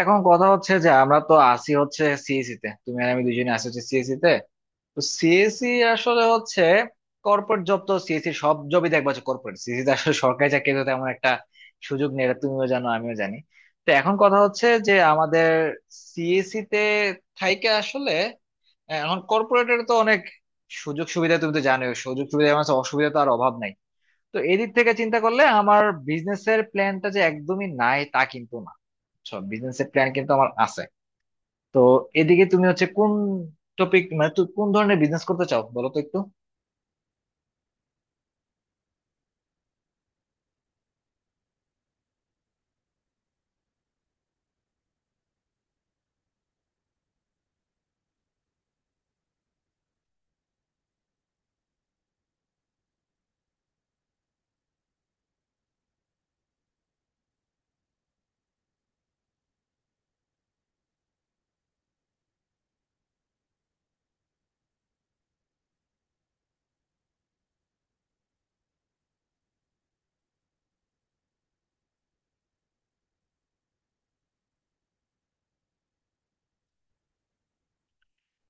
এখন কথা হচ্ছে যে আমরা তো আসি হচ্ছে সিএসসি তে, তুমি আর আমি দুজনে আসি হচ্ছে সিএসসি তে। তো সিএসসি আসলে হচ্ছে কর্পোরেট জব। তো সিএসসি সব জবই দেখবা হচ্ছে কর্পোরেট, সিএসসি তে আসলে সরকারি চাকরিতে তেমন একটা সুযোগ নেই, এটা তুমিও জানো আমিও জানি। তো এখন কথা হচ্ছে যে আমাদের সিএসসি তে থাইকে আসলে এখন কর্পোরেটের তো অনেক সুযোগ সুবিধা, তুমি তো জানো সুযোগ সুবিধা মানে হচ্ছে অসুবিধা তো আর অভাব নাই। তো এদিক থেকে চিন্তা করলে আমার বিজনেসের প্ল্যানটা যে একদমই নাই তা কিন্তু না, বিজনেসের প্ল্যান কিন্তু আমার আছে। তো এদিকে তুমি হচ্ছে কোন টপিক মানে তুমি কোন ধরনের বিজনেস করতে চাও বলো তো একটু।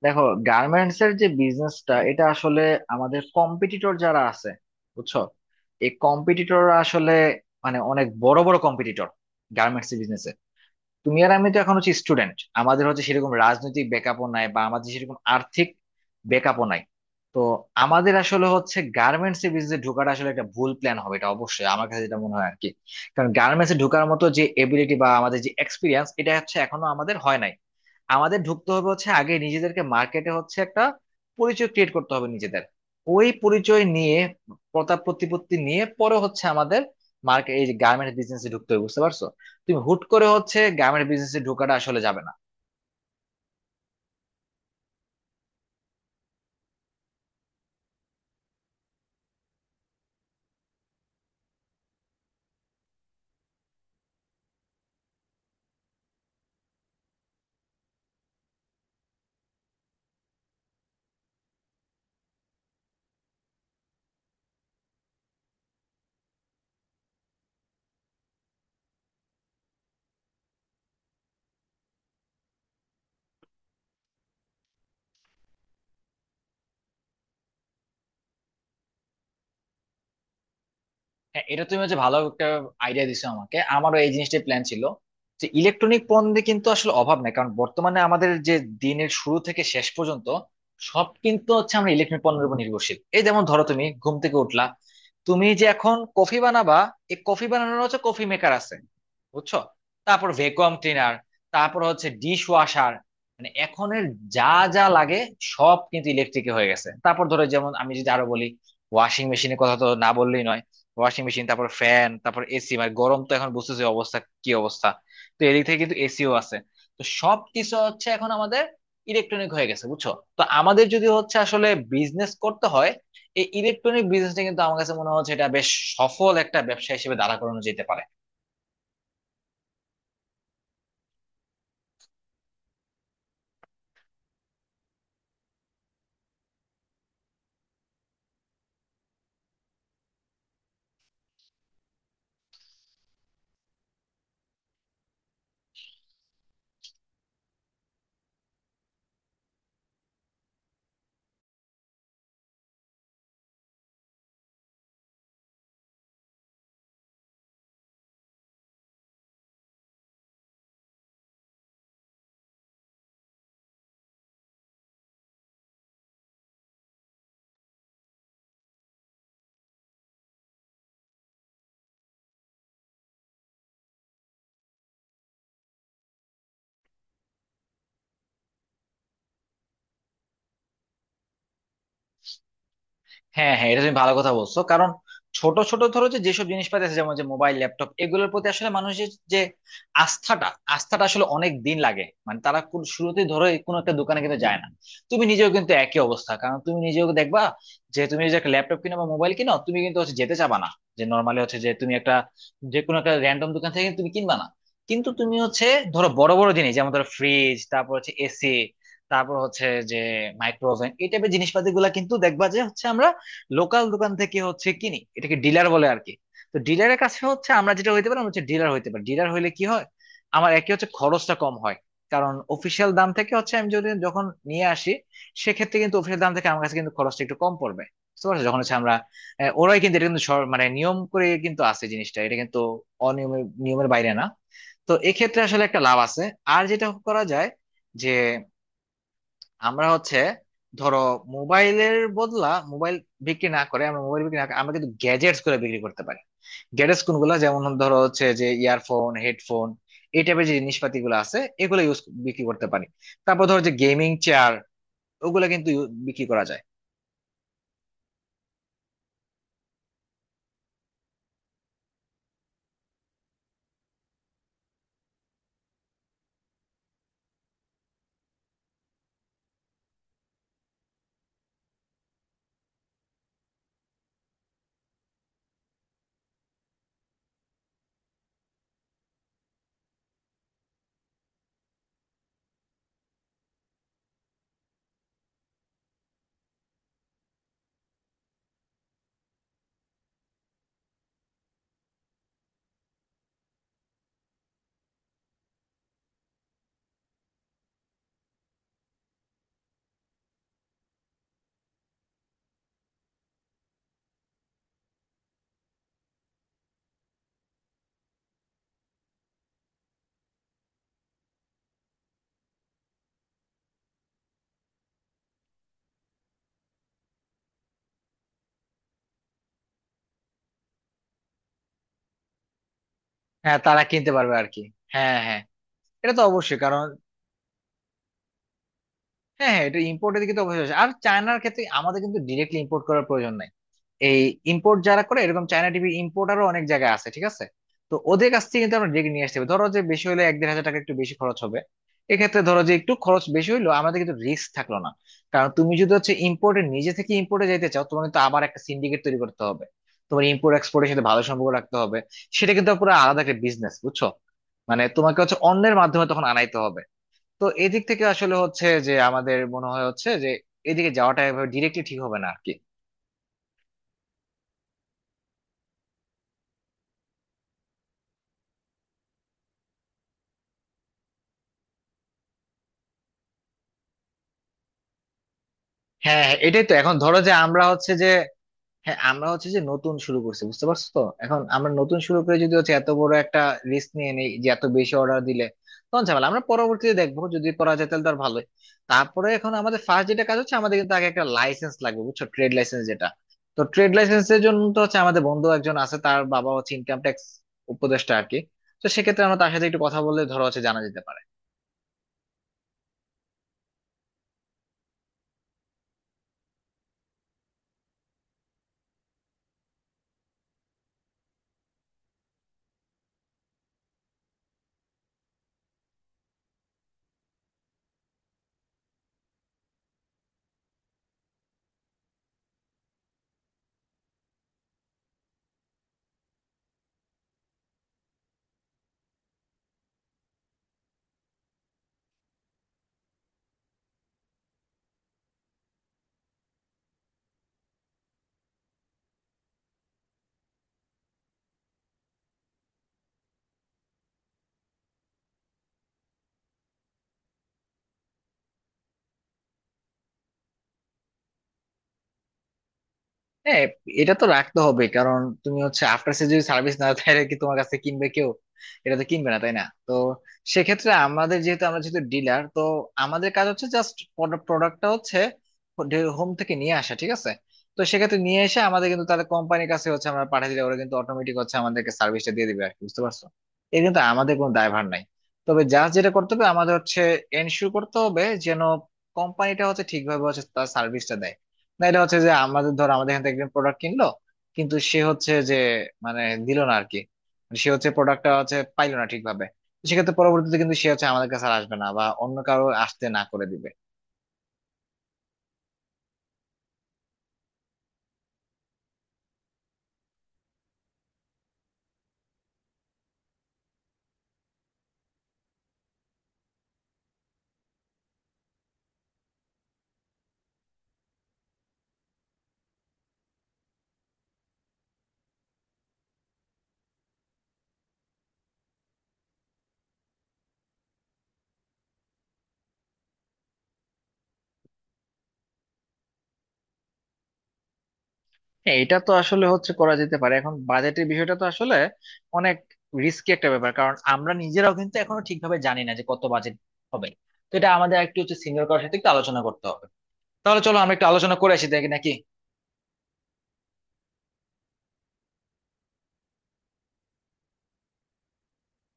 দেখো, গার্মেন্টস এর যে বিজনেসটা এটা আসলে আমাদের কম্পিটিটর যারা আছে, বুঝছো, এই কম্পিটিটররা আসলে মানে অনেক বড় বড় কম্পিটিটর। গার্মেন্টস বিজনেস, তুমি আর আমি তো এখন হচ্ছে স্টুডেন্ট, আমাদের হচ্ছে সেরকম রাজনৈতিক ব্যাকআপও নাই বা আমাদের সেরকম আর্থিক ব্যাকআপও নাই। তো আমাদের আসলে হচ্ছে গার্মেন্টস এর বিজনেসে ঢোকাটা আসলে একটা ভুল প্ল্যান হবে, এটা অবশ্যই আমার কাছে যেটা মনে হয় আর কি। কারণ গার্মেন্টস এ ঢোকার মতো যে এবিলিটি বা আমাদের যে এক্সপিরিয়েন্স এটা হচ্ছে এখনো আমাদের হয় নাই। আমাদের ঢুকতে হবে হচ্ছে আগে নিজেদেরকে মার্কেটে হচ্ছে একটা পরিচয় ক্রিয়েট করতে হবে নিজেদের। ওই পরিচয় নিয়ে, প্রতাপ প্রতিপত্তি নিয়ে পরে হচ্ছে আমাদের মার্কেট এই গার্মেন্ট বিজনেসে ঢুকতে হবে, বুঝতে পারছো? তুমি হুট করে হচ্ছে গার্মেন্ট বিজনেসে ঢোকাটা আসলে যাবে না। হ্যাঁ, এটা তুমি হচ্ছে ভালো একটা আইডিয়া দিছো আমাকে, আমারও এই জিনিসটাই প্ল্যান ছিল যে ইলেকট্রনিক পণ্যে কিন্তু আসলে অভাব নাই, কারণ বর্তমানে আমাদের যে দিনের শুরু থেকে শেষ পর্যন্ত সব কিন্তু হচ্ছে আমরা ইলেকট্রনিক পণ্যের উপর নির্ভরশীল। এই যেমন ধরো তুমি ঘুম থেকে উঠলা, তুমি যে এখন কফি বানাবা, এই কফি বানানোর হচ্ছে কফি মেকার আছে, বুঝছো। তারপর ভ্যাকুয়াম ক্লিনার, তারপর হচ্ছে ডিশ ওয়াশার, মানে এখনের যা যা লাগে সব কিন্তু ইলেকট্রিকে হয়ে গেছে। তারপর ধরো, যেমন আমি যদি আরো বলি, ওয়াশিং মেশিনের কথা তো না বললেই নয়। ওয়াশিং মেশিন, তারপর ফ্যান, তারপর এসি, মানে গরম তো এখন বুঝতেছি অবস্থা, কি অবস্থা! তো এদিক থেকে কিন্তু এসিও আছে। তো সব কিছু হচ্ছে এখন আমাদের ইলেকট্রনিক হয়ে গেছে, বুঝছো। তো আমাদের যদি হচ্ছে আসলে বিজনেস করতে হয়, এই ইলেকট্রনিক বিজনেসটা কিন্তু আমার কাছে মনে হচ্ছে এটা বেশ সফল একটা ব্যবসা হিসেবে দাঁড়া করানো যেতে পারে। হ্যাঁ হ্যাঁ, এটা তুমি ভালো কথা বলছো, কারণ ছোট ছোট ধরো যে যেসব জিনিসপাতি আছে যেমন যে মোবাইল ল্যাপটপ, এগুলোর প্রতি আসলে মানুষের যে আস্থাটা আস্থাটা আসলে অনেক দিন লাগে, মানে তারা শুরুতেই ধরো এই কোনো একটা দোকানে কিন্তু যায় না। তুমি নিজেও কিন্তু একই অবস্থা, কারণ তুমি নিজেও দেখবা যে তুমি যে একটা ল্যাপটপ কিনো বা মোবাইল কিনো, তুমি কিন্তু হচ্ছে যেতে চাবা না যে নর্মালি হচ্ছে যে তুমি একটা যে কোনো একটা র্যান্ডম দোকান থেকে তুমি কিনবা না। কিন্তু তুমি হচ্ছে ধরো বড় বড় জিনিস যেমন ধরো ফ্রিজ, তারপর হচ্ছে এসি, তারপর হচ্ছে যে মাইক্রোওভেন, এই টাইপের জিনিসপাতি গুলা কিন্তু দেখবা যে হচ্ছে আমরা লোকাল দোকান থেকে হচ্ছে কিনি, এটাকে ডিলার বলে আর কি। তো ডিলারের কাছে হচ্ছে আমরা যেটা হইতে পারি, আমরা হচ্ছে ডিলার হইতে পারি। ডিলার হইলে কি হয়, আমার একে হচ্ছে খরচটা কম হয়, কারণ অফিসিয়াল দাম থেকে হচ্ছে আমি যদি যখন নিয়ে আসি, সেক্ষেত্রে কিন্তু অফিসিয়াল দাম থেকে আমার কাছে কিন্তু খরচটা একটু কম পড়বে। বুঝতে পারছো, যখন হচ্ছে আমরা ওরাই কিন্তু এটা কিন্তু মানে নিয়ম করে কিন্তু আছে জিনিসটা, এটা কিন্তু অনিয়মের নিয়মের বাইরে না। তো এক্ষেত্রে আসলে একটা লাভ আছে। আর যেটা করা যায় যে আমরা হচ্ছে ধরো মোবাইলের বদলা, মোবাইল বিক্রি না করে আমরা মোবাইল বিক্রি না করে আমরা কিন্তু গ্যাজেটস করে বিক্রি করতে পারি। গ্যাজেটস কোনগুলো, যেমন ধরো হচ্ছে যে ইয়ারফোন, হেডফোন, এই টাইপের যে জিনিসপাতি গুলো আছে এগুলো ইউজ বিক্রি করতে পারি। তারপর ধরো যে গেমিং চেয়ার, ওগুলো কিন্তু বিক্রি করা যায়। হ্যাঁ, তারা কিনতে পারবে আর কি। হ্যাঁ হ্যাঁ, এটা তো অবশ্যই, কারণ হ্যাঁ হ্যাঁ এটা ইম্পোর্টের দিকে তো অবশ্যই আছে। আর চায়নার ক্ষেত্রে আমাদের কিন্তু ডিরেক্টলি ইম্পোর্ট করার প্রয়োজন নাই, এই ইম্পোর্ট যারা করে, এরকম চায়না টিভি ইম্পোর্টারও অনেক জায়গায় আছে, ঠিক আছে। তো ওদের কাছ থেকে কিন্তু আমরা ডেকে নিয়ে আসতে হবে, ধরো যে বেশি হলে 1-1500 টাকা একটু বেশি খরচ হবে। এক্ষেত্রে ধরো যে একটু খরচ বেশি হইলো, আমাদের কিন্তু রিস্ক থাকলো না। কারণ তুমি যদি হচ্ছে ইম্পোর্টে নিজে থেকে ইম্পোর্টে যেতে চাও, তোমার কিন্তু আবার একটা সিন্ডিকেট তৈরি করতে হবে, তোমার ইম্পোর্ট এক্সপোর্টের সাথে ভালো সম্পর্ক রাখতে হবে, সেটা কিন্তু পুরো আলাদা একটা বিজনেস, বুঝছো। মানে তোমাকে হচ্ছে অন্যের মাধ্যমে তখন আনাইতে হবে। তো এদিক থেকে আসলে হচ্ছে যে আমাদের মনে হয় হচ্ছে যে এদিকে যাওয়াটা এভাবে ডিরেক্টলি ঠিক হবে না আর কি। হ্যাঁ হ্যাঁ, এটাই তো। এখন ধরো যে আমরা হচ্ছে যে হ্যাঁ, আমরা হচ্ছে যে নতুন শুরু করছি, বুঝতে পারছো। তো এখন আমরা নতুন শুরু করে যদি হচ্ছে এত বড় একটা রিস্ক নিয়ে নেই যে এত বেশি অর্ডার দিলে তখন ঝামেলা। আমরা পরবর্তীতে দেখবো যদি করা যায় তাহলে তো আর ভালোই। তারপরে এখন আমাদের ফার্স্ট যেটা কাজ হচ্ছে আমাদের কিন্তু আগে একটা লাইসেন্স লাগবে, বুঝছো, ট্রেড লাইসেন্স যেটা। তো ট্রেড লাইসেন্সের জন্য তো হচ্ছে আমাদের বন্ধু একজন আছে, তার বাবা হচ্ছে ইনকাম ট্যাক্স উপদেষ্টা আর কি। তো সেক্ষেত্রে আমরা তার সাথে একটু কথা বলে ধরো হচ্ছে জানা যেতে পারে। হ্যাঁ, এটা তো রাখতে হবে, কারণ তুমি হচ্ছে আফটার সেল যদি সার্ভিস না দেয় তাহলে কি তোমার কাছে কিনবে কেউ? এটা তো কিনবে না, তাই না? তো সেক্ষেত্রে আমাদের যেহেতু, আমরা যেহেতু ডিলার, তো আমাদের কাজ হচ্ছে জাস্ট প্রোডাক্টটা হচ্ছে হোম থেকে নিয়ে আসা, ঠিক আছে। তো সেক্ষেত্রে নিয়ে এসে আমাদের কিন্তু তাদের কোম্পানির কাছে হচ্ছে আমরা পাঠিয়ে দিলে ওরা কিন্তু অটোমেটিক হচ্ছে আমাদেরকে সার্ভিসটা দিয়ে দিবে আর কি, বুঝতে পারছো। এর কিন্তু আমাদের কোনো দায়ভার নাই। তবে যা যেটা করতে হবে আমাদের হচ্ছে এনশিওর করতে হবে যেন কোম্পানিটা হচ্ছে ঠিকভাবে হচ্ছে তার সার্ভিসটা দেয়। না, এটা হচ্ছে যে আমাদের, ধর আমাদের এখান থেকে একজন প্রোডাক্ট কিনলো কিন্তু সে হচ্ছে যে মানে দিল না আর কি, মানে সে হচ্ছে প্রোডাক্টটা হচ্ছে পাইলো না ঠিকভাবে। তো সেক্ষেত্রে পরবর্তীতে কিন্তু সে হচ্ছে আমাদের কাছে আর আসবে না বা অন্য কারো আসতে না করে দিবে। হ্যাঁ, এটা তো আসলে হচ্ছে করা যেতে পারে। এখন বাজেটের বিষয়টা তো আসলে অনেক রিস্কি একটা ব্যাপার, কারণ আমরা নিজেরাও কিন্তু এখনো ঠিকভাবে জানি না যে কত বাজেট হবে। তো এটা আমাদের একটু হচ্ছে সিনিয়র কারোর সাথে একটু আলোচনা করতে হবে। তাহলে চলো আমরা একটু আলোচনা করে আসি দেখি নাকি।